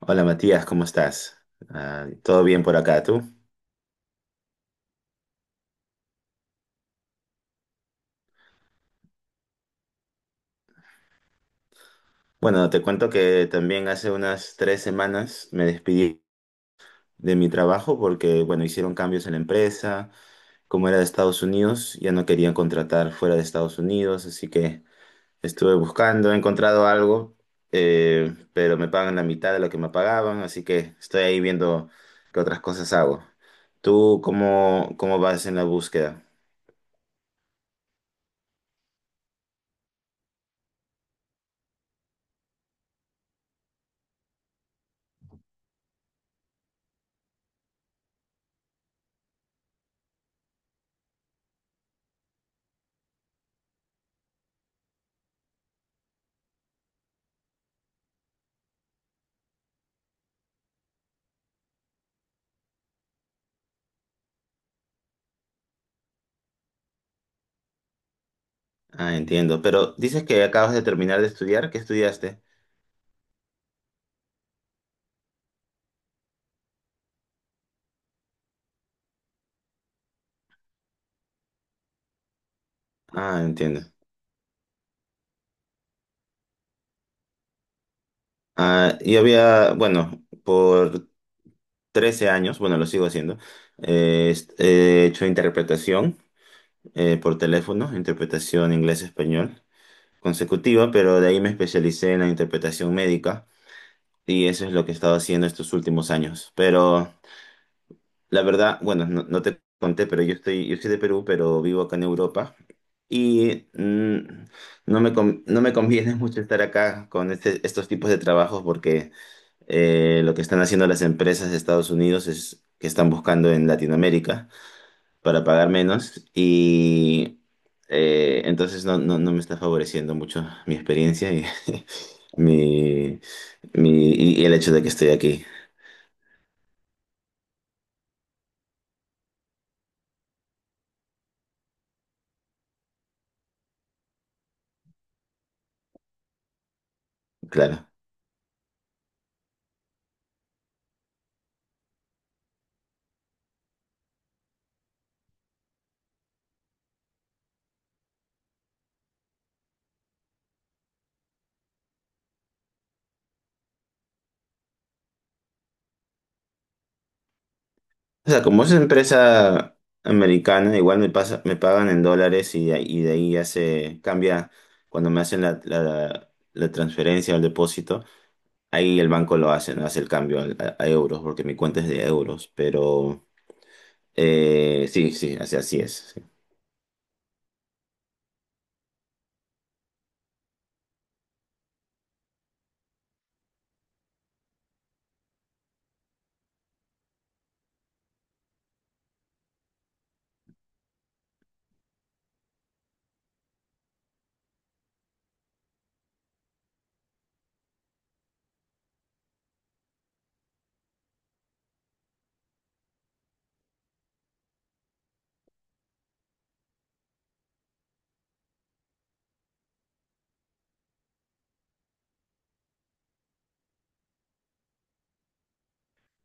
Hola Matías, ¿cómo estás? ¿Todo bien por acá, tú? Bueno, te cuento que también hace unas 3 semanas me despedí de mi trabajo porque, bueno, hicieron cambios en la empresa. Como era de Estados Unidos, ya no querían contratar fuera de Estados Unidos, así que estuve buscando, he encontrado algo, pero me pagan la mitad de lo que me pagaban, así que estoy ahí viendo qué otras cosas hago. ¿Tú cómo vas en la búsqueda? Ah, entiendo. Pero dices que acabas de terminar de estudiar, ¿qué estudiaste? Ah, entiendo. Yo había, bueno, por 13 años, bueno, lo sigo haciendo, he hecho interpretación por teléfono, interpretación inglés-español consecutiva, pero de ahí me especialicé en la interpretación médica y eso es lo que he estado haciendo estos últimos años. Pero la verdad, bueno, no te conté, pero yo estoy, yo soy de Perú, pero vivo acá en Europa y no no me conviene mucho estar acá con estos tipos de trabajos porque lo que están haciendo las empresas de Estados Unidos es que están buscando en Latinoamérica para pagar menos y entonces no me está favoreciendo mucho mi experiencia y, mi, mi- y el hecho de que estoy aquí. Claro. O sea, como es una empresa americana, igual me pasa, me pagan en dólares y de ahí ya se cambia cuando me hacen la la transferencia o el depósito. Ahí el banco lo hace, ¿no? Hace el cambio a euros, porque mi cuenta es de euros, pero sí, así es, sí,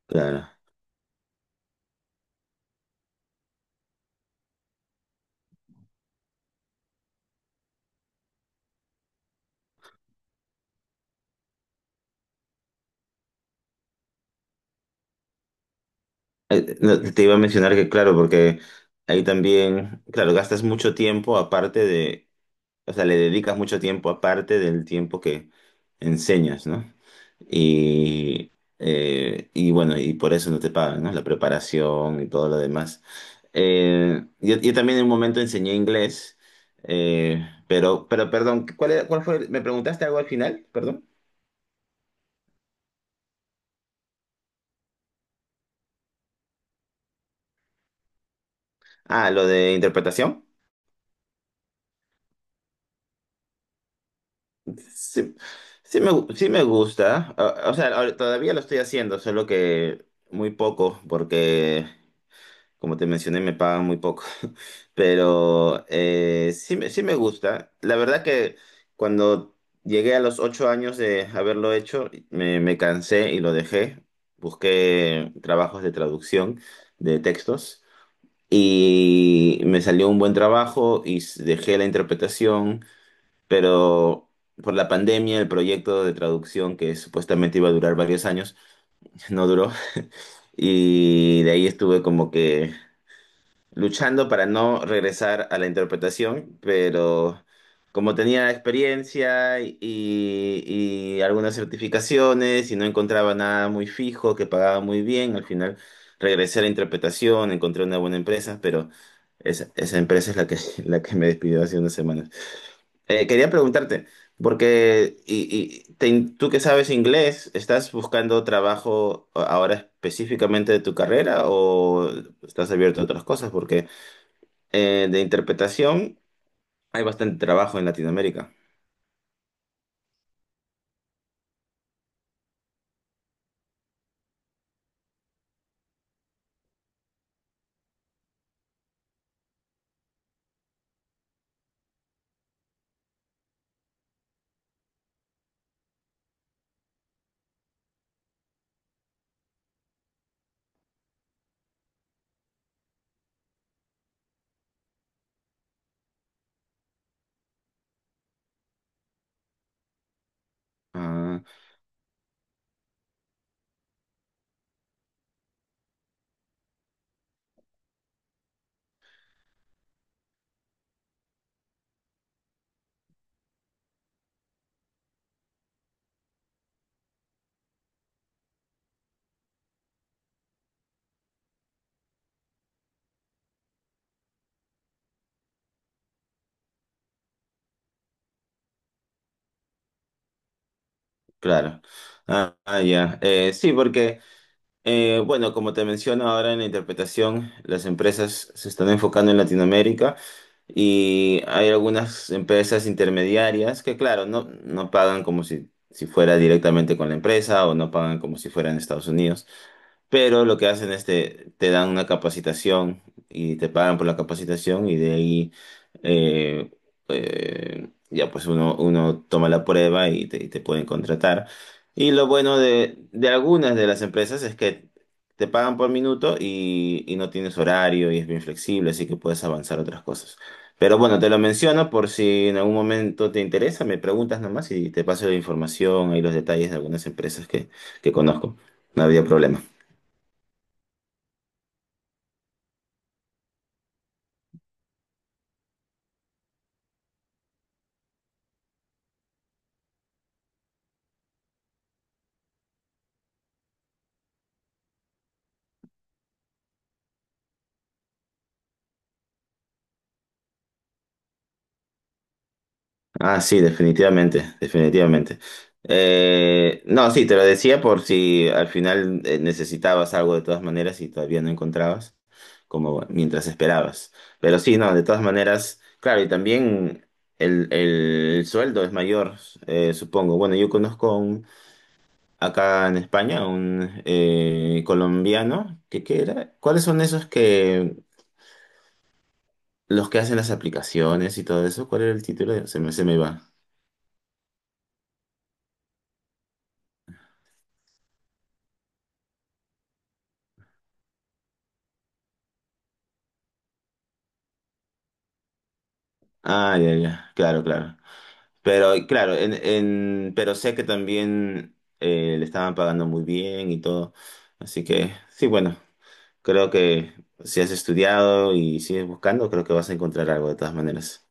claro. No, te iba a mencionar que, claro, porque ahí también, claro, gastas mucho tiempo aparte de, o sea, le dedicas mucho tiempo aparte del tiempo que enseñas, ¿no? Y, y bueno, y por eso no te pagan, ¿no? La preparación y todo lo demás. Yo también en un momento enseñé inglés, pero perdón, ¿cuál fue? ¿Me preguntaste algo al final? Perdón. Ah, lo de interpretación. Sí, sí me gusta. O sea, ahora todavía lo estoy haciendo, solo que muy poco, porque como te mencioné, me pagan muy poco, pero sí me gusta. La verdad que cuando llegué a los 8 años de haberlo hecho, me cansé y lo dejé. Busqué trabajos de traducción de textos y me salió un buen trabajo dejé la interpretación, pero por la pandemia el proyecto de traducción que supuestamente iba a durar varios años no duró. Y de ahí estuve como que luchando para no regresar a la interpretación, pero como tenía experiencia y algunas certificaciones y no encontraba nada muy fijo, que pagaba muy bien, al final regresé a la interpretación, encontré una buena empresa, pero esa empresa es la que, la que me despidió hace unas semanas. Quería preguntarte, porque tú que sabes inglés, ¿estás buscando trabajo ahora específicamente de tu carrera o estás abierto a otras cosas? Porque de interpretación, hay bastante trabajo en Latinoamérica. Ah, claro. Ah, ah, ya. Sí, porque, bueno, como te menciono ahora en la interpretación, las empresas se están enfocando en Latinoamérica y hay algunas empresas intermediarias que, claro, no pagan como si fuera directamente con la empresa o no pagan como si fuera en Estados Unidos. Pero lo que hacen es te dan una capacitación y te pagan por la capacitación y de ahí eh, ya pues uno toma la prueba y te pueden contratar. Y lo bueno de algunas de las empresas es que te pagan por minuto y no tienes horario y es bien flexible, así que puedes avanzar otras cosas. Pero bueno, te lo menciono por si en algún momento te interesa, me preguntas nomás y te paso la información, y los detalles de algunas empresas que conozco. No había problema. Ah, sí, definitivamente, definitivamente. No, sí, te lo decía por si al final necesitabas algo de todas maneras y todavía no encontrabas, como mientras esperabas. Pero sí, no, de todas maneras, claro, y también el sueldo es mayor, supongo. Bueno, yo conozco a un- acá en España un colombiano, que ¿qué era? ¿Cuáles son esos que, los que hacen las aplicaciones y todo eso? ¿Cuál era el título? Se se me va. Ah, ya, ya, claro, claro. Pero claro, pero sé que también le estaban pagando muy bien y todo. Así que sí, bueno, creo que si has estudiado y sigues buscando, creo que vas a encontrar algo de todas maneras.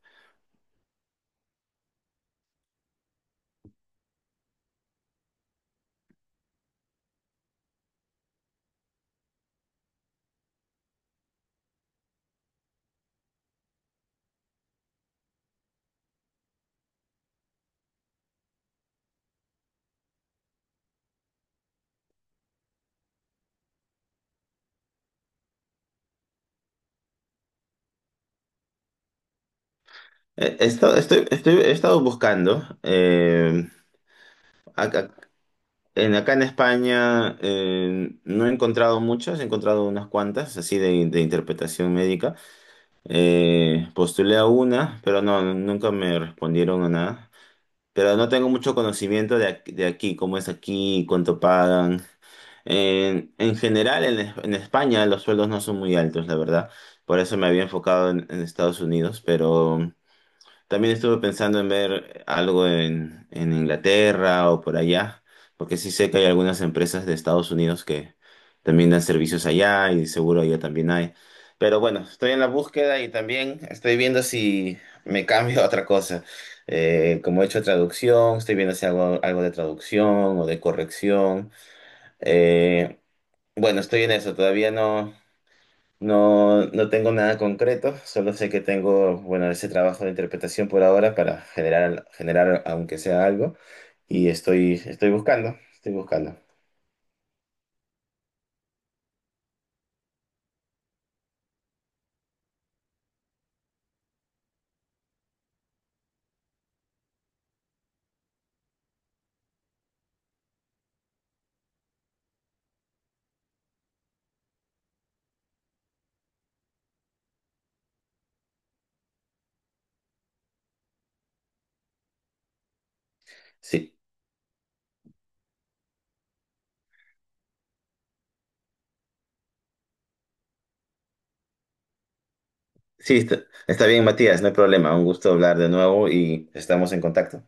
He estado buscando. Acá, acá en España no he encontrado muchas, he encontrado unas cuantas, así de interpretación médica. Postulé a una, pero no, nunca me respondieron a nada. Pero no tengo mucho conocimiento de aquí, cómo es aquí, cuánto pagan. En general, en, Es- en España los sueldos no son muy altos, la verdad. Por eso me había enfocado en Estados Unidos, pero también estuve pensando en ver algo en Inglaterra o por allá, porque sí sé que hay algunas empresas de Estados Unidos que también dan servicios allá y seguro allá también hay. Pero bueno, estoy en la búsqueda y también estoy viendo si me cambio a otra cosa. Como he hecho traducción, estoy viendo si hago algo de traducción o de corrección. Eh, bueno, estoy en eso, todavía no. No, no tengo nada concreto, solo sé que tengo, bueno, ese trabajo de interpretación por ahora para generar, generar aunque sea algo, y estoy, estoy buscando, estoy buscando. Sí, sí, está, está bien, Matías, no hay problema, un gusto hablar de nuevo y estamos en contacto.